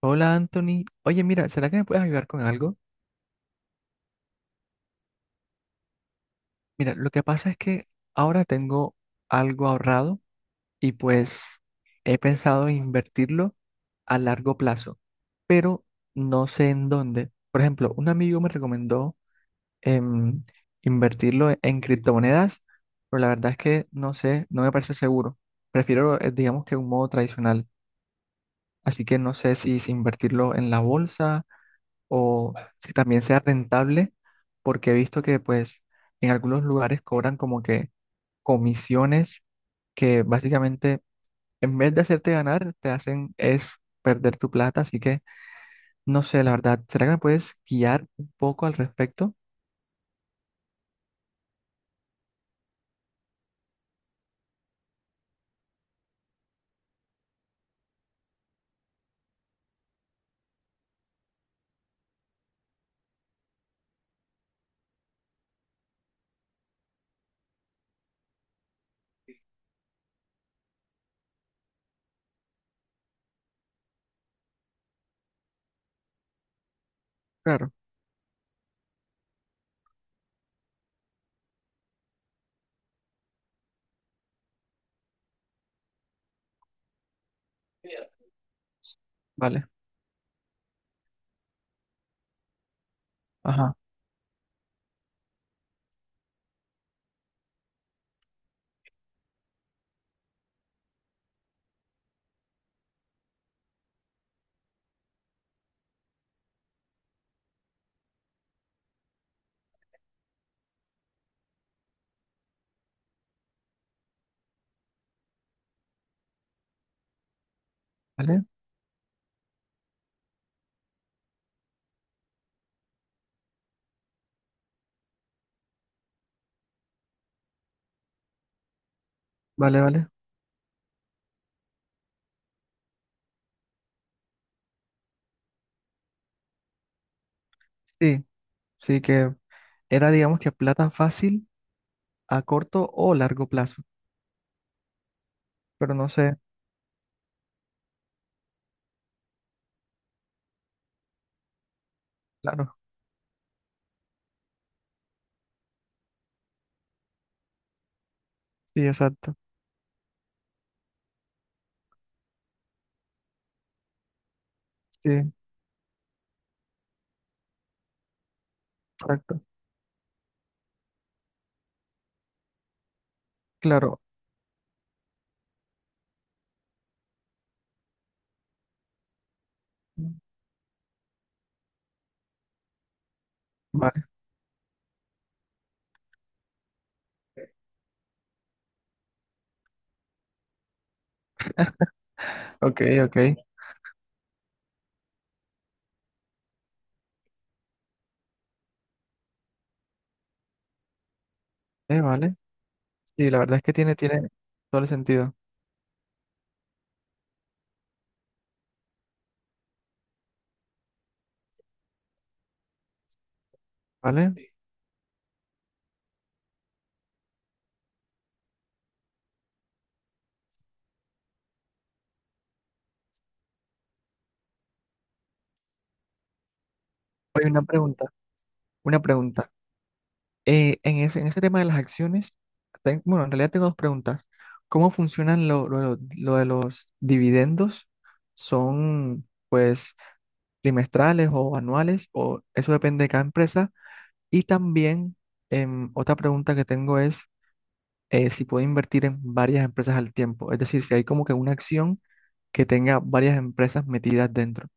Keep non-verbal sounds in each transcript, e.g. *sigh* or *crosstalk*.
Hola Anthony, oye mira, ¿será que me puedes ayudar con algo? Mira, lo que pasa es que ahora tengo algo ahorrado y pues he pensado en invertirlo a largo plazo, pero no sé en dónde. Por ejemplo, un amigo me recomendó em, invertirlo en criptomonedas, pero la verdad es que no sé, no me parece seguro. Prefiero, digamos que un modo tradicional, así que no sé si invertirlo en la bolsa o si también sea rentable, porque he visto que pues en algunos lugares cobran como que comisiones que básicamente en vez de hacerte ganar, te hacen es perder tu plata, así que no sé, la verdad, ¿será que me puedes guiar un poco al respecto? Claro, vale, ajá, vale, vale, vale. Sí, sí que era digamos que plata fácil a corto o largo plazo, pero no sé, claro, sí, exacto, sí, exacto, claro. Ok, ok. Vale. Sí, la verdad es que tiene, tiene todo el sentido. ¿Vale? Oye, una pregunta. Una pregunta. En ese tema de las acciones, bueno, en realidad tengo dos preguntas. ¿Cómo funcionan lo de los dividendos? ¿Son, pues, trimestrales o anuales? ¿O eso depende de cada empresa? Y también, otra pregunta que tengo es si puedo invertir en varias empresas al tiempo. Es decir, si hay como que una acción que tenga varias empresas metidas dentro.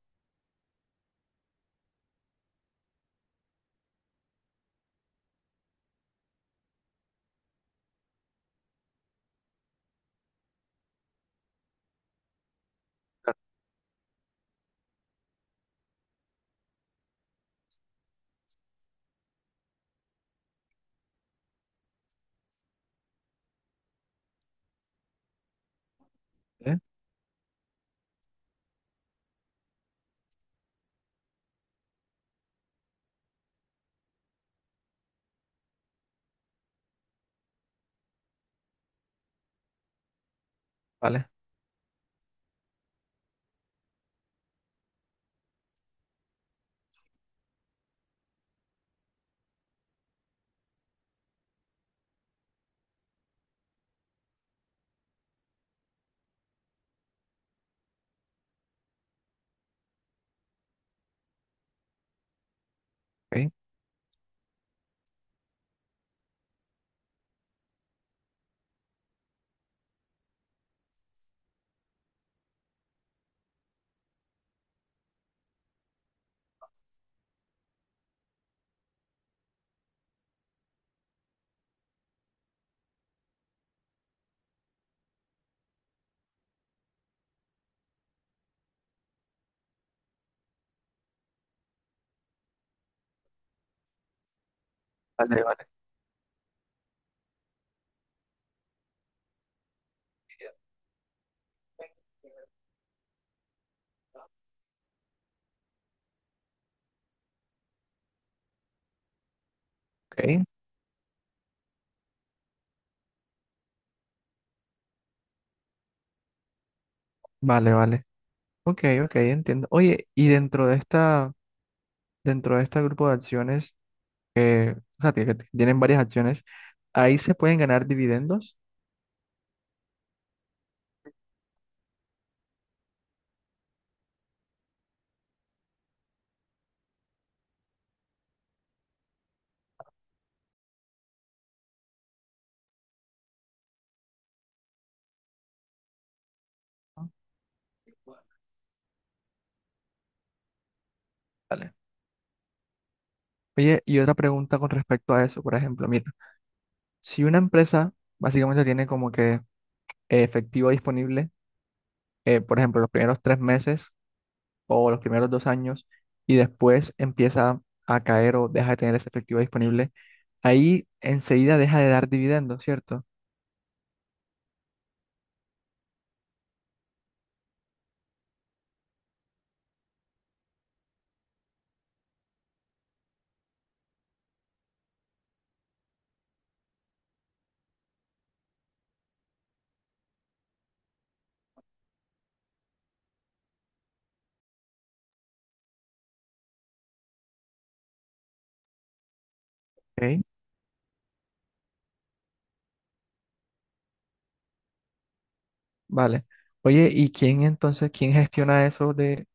¿Eh? Vale, ok, vale, vale, ok, vale, vale. Ok, ok, entiendo. Oye, y dentro de esta, dentro de este grupo de acciones, que, o sea, que tienen varias acciones, ¿ahí se pueden ganar dividendos? Vale. Oye, y otra pregunta con respecto a eso, por ejemplo, mira, si una empresa básicamente tiene como que efectivo disponible, por ejemplo, los primeros tres meses, o los primeros dos años y después empieza a caer o deja de tener esa efectivo disponible, ahí enseguida deja de dar dividendos, ¿cierto? Ok. Vale. Oye, ¿y quién entonces, quién gestiona eso de,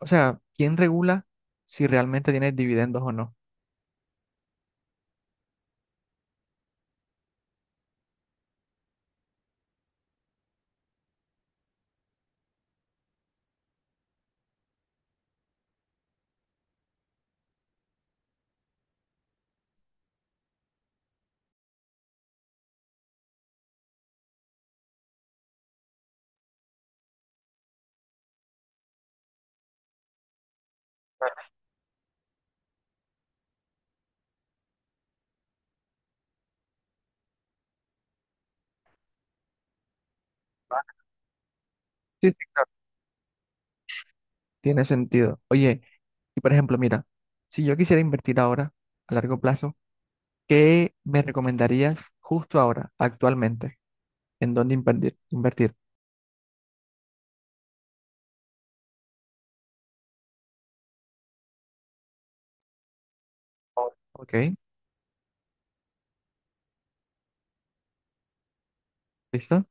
o sea, quién regula si realmente tiene dividendos o no? Ah, sí, sí, claro. Tiene sentido. Oye, y por ejemplo, mira, si yo quisiera invertir ahora, a largo plazo, ¿qué me recomendarías justo ahora, actualmente? ¿En dónde invertir? Invertir. ¿Ok? ¿Listo?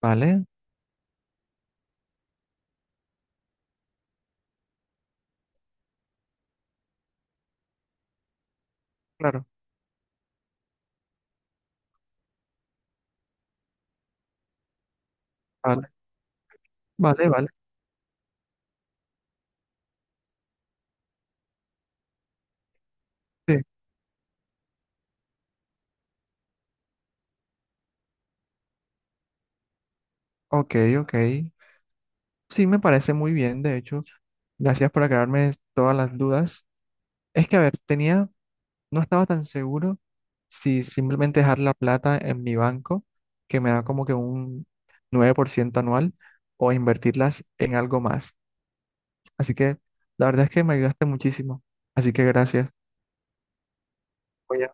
Vale, claro. Vale, vale, vale. Sí, ok, ok. Sí, me parece muy bien, de hecho. Gracias por aclararme todas las dudas. Es que, a ver, tenía, no estaba tan seguro si simplemente dejar la plata en mi banco, que me da como que un 9% anual, o invertirlas en algo más. Así que, la verdad es que me ayudaste muchísimo. Así que gracias. Oye,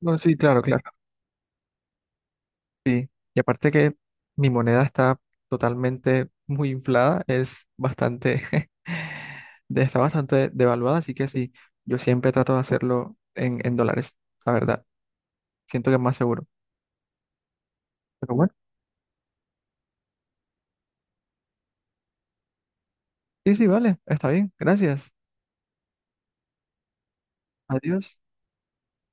no, sí, claro, claro. Sí, y aparte que mi moneda está totalmente muy inflada, es bastante, *laughs* de- está bastante devaluada, así que sí, yo siempre trato de hacerlo en dólares, la verdad. Siento que es más seguro. Pero bueno, sí, sí, vale, está bien, gracias. Adiós.